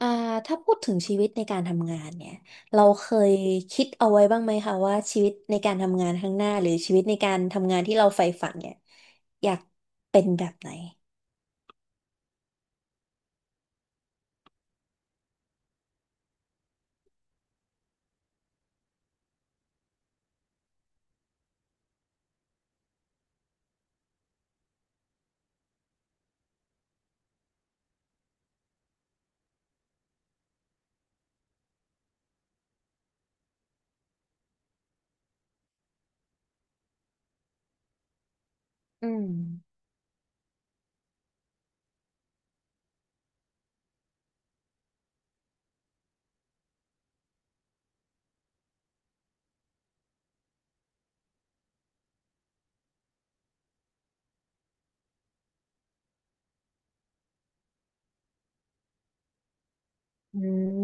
อ่าถ้าพูดถึงชีวิตในการทำงานเนี่ยเราเคยคิดเอาไว้บ้างไหมคะว่าชีวิตในการทำงานข้างหน้าหรือชีวิตในการทำงานที่เราใฝ่ฝันเนี่ยอยากเป็นแบบไหนอืมอืม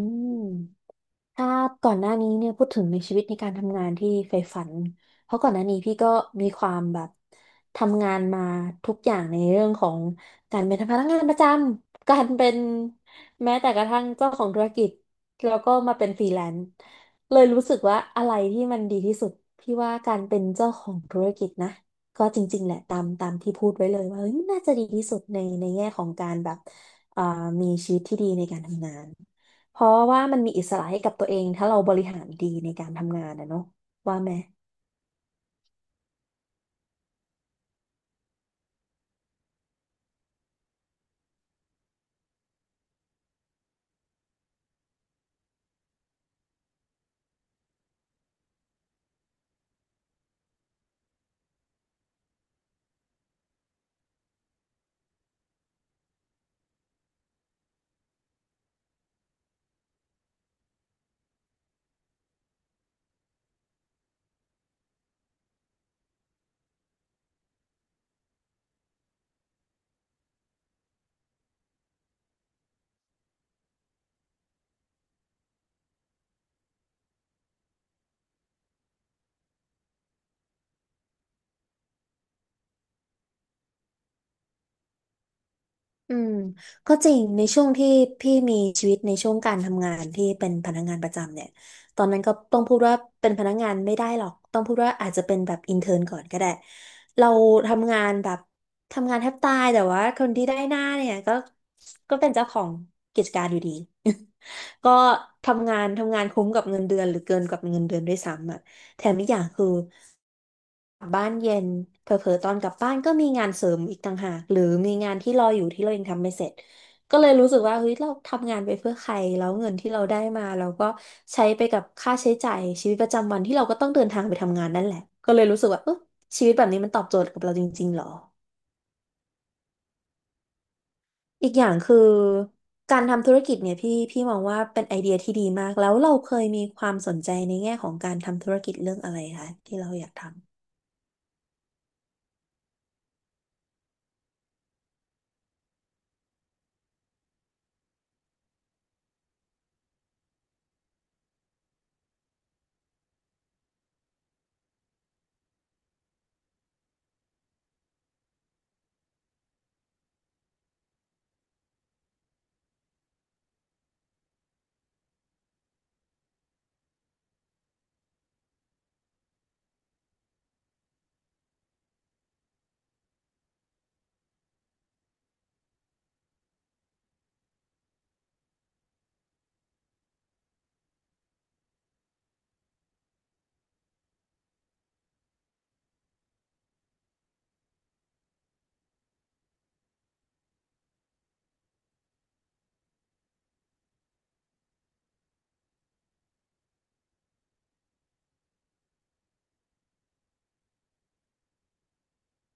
ถ้าก่อนหน้านี้เนี่ยพูดถึงในชีวิตในการทำงานที่ใฝ่ฝันเพราะก่อนหน้านี้พี่ก็มีความแบบทำงานมาทุกอย่างในเรื่องของการเป็นพนักงานประจำการเป็นแม้แต่กระทั่งเจ้าของธุรกิจแล้วก็มาเป็นฟรีแลนซ์เลยรู้สึกว่าอะไรที่มันดีที่สุดพี่ว่าการเป็นเจ้าของธุรกิจนะก็จริงๆแหละตามที่พูดไว้เลยว่าเฮ้ยน่าจะดีที่สุดในแง่ของการแบบเอ่อมีชีวิตที่ดีในการทำงาน เพราะว่ามันมีอิสระให้กับตัวเองถ้าเราบริหารดีในการทำงานนะเนาะว่าไหมอืมก็จริงในช่วงที่พี่มีชีวิตในช่วงการทำงานที่เป็นพนักงานประจำเนี่ยตอนนั้นก็ต้องพูดว่าเป็นพนักงานไม่ได้หรอกต้องพูดว่าอาจจะเป็นแบบอินเทอร์นก่อนก็ได้เราทำงานแบบทำงานแทบตายแต่ว่าคนที่ได้หน้าเนี่ยก็ก็เป็นเจ้าของกิจการอยู่ดี ก็ทำงานทำงานคุ้มกับเงินเดือนหรือเกินกับเงินเดือนด้วยซ้ำอ่ะแถมอีกอย่างคือ กลับบ้านเย็นเผลอๆตอนกลับบ้านก็มีงานเสริมอีกต่างหากหรือมีงานที่รออยู่ที่เรายังทำไม่เสร็จก็เลยรู้สึกว่าเฮ้ยเราทำงานไปเพื่อใครแล้วเงินที่เราได้มาเราก็ใช้ไปกับค่าใช้จ่ายชีวิตประจำวันที่เราก็ต้องเดินทางไปทำงานนั่นแหละก็เลยรู้สึกว่าเออชีวิตแบบนี้มันตอบโจทย์กับเราจริงๆหรออีกอย่างคือการทำธุรกิจเนี่ยพี่มองว่าเป็นไอเดียที่ดีมากแล้วเราเคยมีความสนใจในแง่ของการทำธุรกิจเรื่องอะไรคะที่เราอยากทำ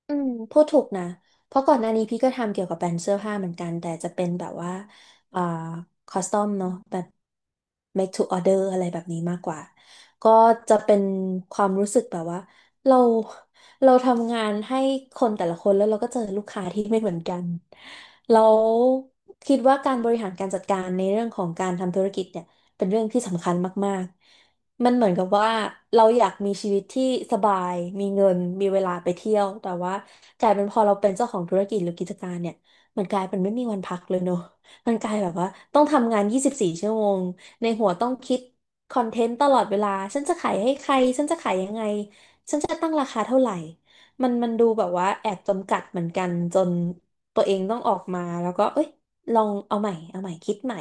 อืมพูดถูกนะเพราะก่อนหน้านี้พี่ก็ทำเกี่ยวกับแบรนด์เสื้อผ้าเหมือนกันแต่จะเป็นแบบว่าอ่าคอสตอมเนาะแบบ make to order อะไรแบบนี้มากกว่าก็จะเป็นความรู้สึกแบบว่าเราเราทำงานให้คนแต่ละคนแล้วเราก็เจอลูกค้าที่ไม่เหมือนกันเราคิดว่าการบริหารการจัดการในเรื่องของการทำธุรกิจเนี่ย เป็นเรื่องที่สำคัญมากๆมันเหมือนกับว่าเราอยากมีชีวิตที่สบาย มีเงิน มีเวลาไปเที่ยว แต่ว่ากลายเป็นพอเราเป็นเจ้าของธุรกิจหรือกิจการเนี่ย มันกลายเป็นไม่มีวันพักเลยเนอะ มันกลายแบบว่าต้องทำงาน 24 ชั่วโมงในหัวต้องคิดคอนเทนต์ตลอดเวลาฉันจะขายให้ใครฉันจะขายยังไงฉันจะตั้งราคาเท่าไหร่มันดูแบบว่าแอบจำกัดเหมือนกันจนตัวเองต้องออกมาแล้วก็เอ้ยลองเอาใหม่เอาใหม่คิดใหม่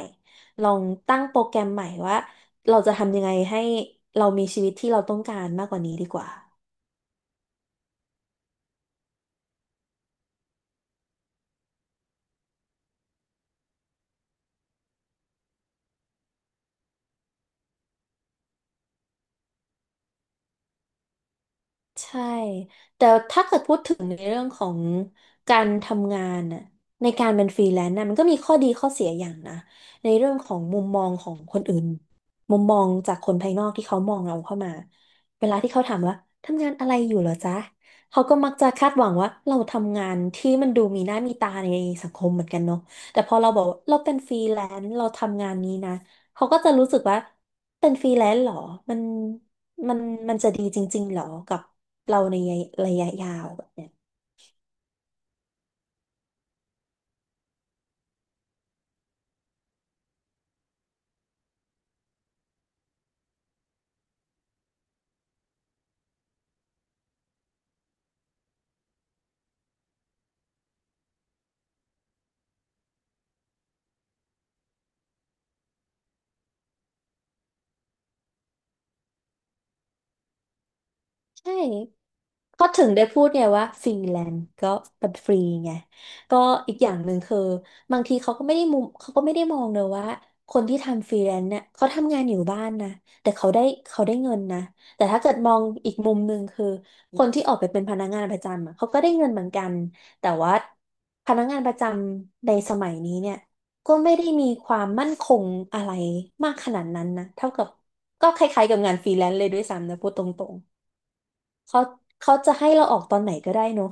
ลองตั้งโปรแกรมใหม่ว่าเราจะทำยังไงให้เรามีชีวิตที่เราต้องการมากกว่านี้ดีกว่า ใช่ แต่ถ้าเกิดพูดถึงในเรื่องของการทำงานน่ะในการเป็นฟรีแลนซ์น่ะมันก็มีข้อดีข้อเสียอย่างนะในเรื่องของมุมมองของคนอื่นมุมมองจากคนภายนอกที่เขามองเราเข้ามาเวลาที่เขาถามว่าทำงานอะไรอยู่เหรอจ๊ะเขาก็มักจะคาดหวังว่าเราทำงานที่มันดูมีหน้ามีตาในสังคมเหมือนกันเนาะแต่พอเราบอกว่าเราเป็นฟรีแลนซ์เราทำงานนี้นะเขาก็จะรู้สึกว่าเป็นฟรีแลนซ์เหรอมัน มันมันจะดีจริงๆเหรอ กับเราในระยะยาวแบบเนี้ยใช่ ก็ถึงได้พูดไงว่าฟรีแลนซ์ก็เป็นฟรีไงก็อีกอย่างหนึ่งคือบางทีเขาก็ไม่ได้มุมเขาก็ไม่ได้มองเลยว่าคนที่ทำฟรีแลนซ์เนี่ยเขาทำงานอยู่บ้านนะแต่เขาได้เงินนะแต่ถ้าเกิดมองอีกมุมหนึ่งคือคนที่ออกไปเป็นพนักงานประจำอะเขาก็ได้เงินเหมือนกันแต่ว่าพนักงานประจำในสมัยนี้เนี่ยก็ไม่ได้มีความมั่นคงอะไรมากขนาดนั้นนะเท่ากับก็คล้ายๆกับงานฟรีแลนซ์เลยด้วยซ้ำนะพูดตรง เขาเขาจะให้เราออกตอนไหนก็ได้เนอะ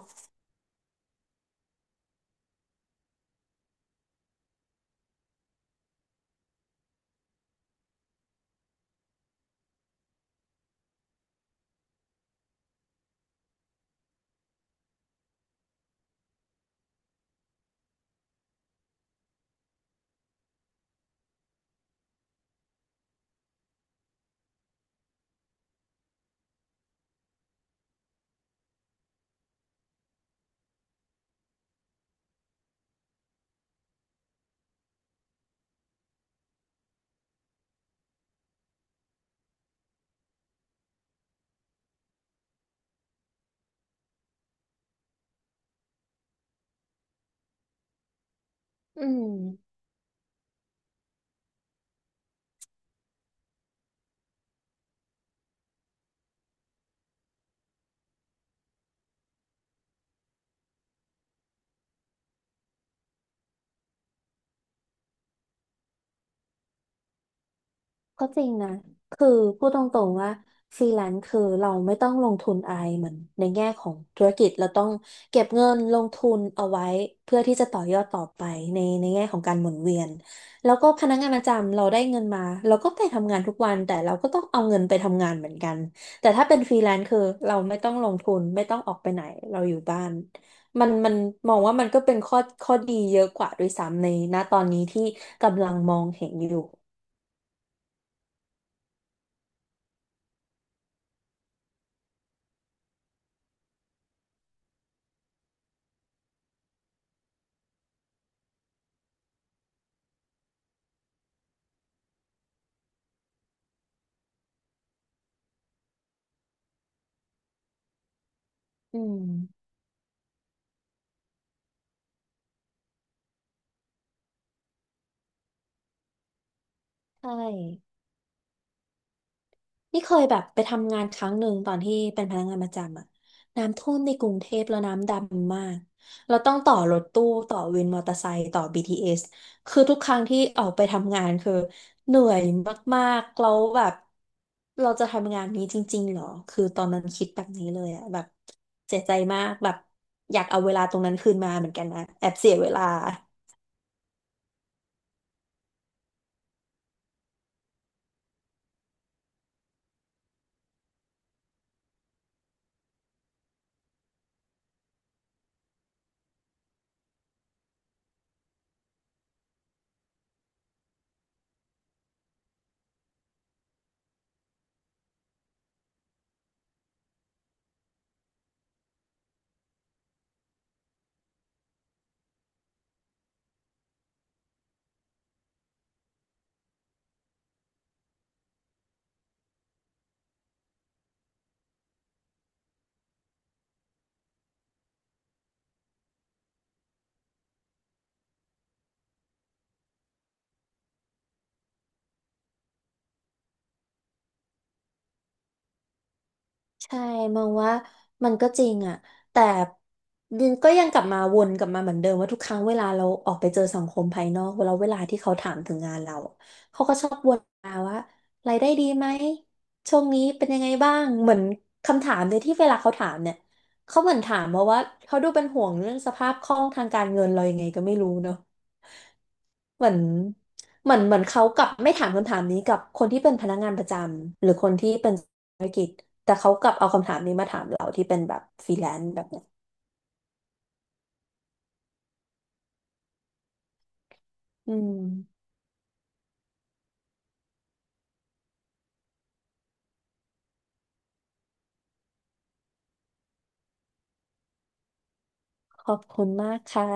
อืม ก็จริงนะคือพูดตรงๆว่าฟรีแลนซ์คือเราไม่ต้องลงทุนอะไรเหมือนในแง่ของธุรกิจเราต้องเก็บเงินลงทุนเอาไว้เพื่อที่จะต่อยอดต่อไปในแง่ของการหมุนเวียนแล้วก็พนักงานประจำเราได้เงินมาเราก็ไปทำงานทุกวันแต่เราก็ต้องเอาเงินไปทำงานเหมือนกันแต่ถ้าเป็นฟรีแลนซ์คือเราไม่ต้องลงทุนไม่ต้องออกไปไหนเราอยู่บ้านมันมองว่ามันก็เป็นข้อข้อดีเยอะกว่าด้วยซ้ำในณตอนนี้ที่กำลังมองเห็นอยู่อืม ใช่นี่เคยแบบไปทำงานครั้งหนึ่งตอนที่เป็นพนักงานประจำอะน้ำท่วมในกรุงเทพแล้วน้ำดำมากเราต้องต่อรถตู้ต่อวินมอเตอร์ไซค์ต่อ BTS คือทุกครั้งที่ออกไปทำงานคือเหนื่อยมากๆแล้วแบบเราจะทำงานนี้จริงๆเหรอคือตอนนั้นคิดแบบนี้เลยอะแบบเสียใจมากแบบอยากเอาเวลาตรงนั้นคืนมาเหมือนกันนะแอบเสียเวลา ใช่มองว่ามันก็จริงอ่ะแต่ดินก็ยังกลับมาวนกลับมาเหมือนเดิมว่าทุกครั้งเวลาเราออกไปเจอสังคมภายนอกเวลาที่เขาถามถึงงานเราอะเขาก็ชอบวนมาว่ารายได้ดีไหมช่วงนี้เป็นยังไงบ้างเหมือนคำถามเลยที่เวลาเขาถามเนี่ยเขาเหมือนถามมาว่าเขาดูเป็นห่วงเรื่องสภาพคล่องทางการเงินเรายังไงก็ไม่รู้เนอะเหมือนเหมือนเขากลับไม่ถามคำถามนี้กับคนที่เป็นพนักงานประจำหรือคนที่เป็น แต่เขากลับเอาคำถามนี้มาถามเราที่เป็นแบบฟรีแลนซ์แบบเนี้ยอืมขอบคุณมากค่ะ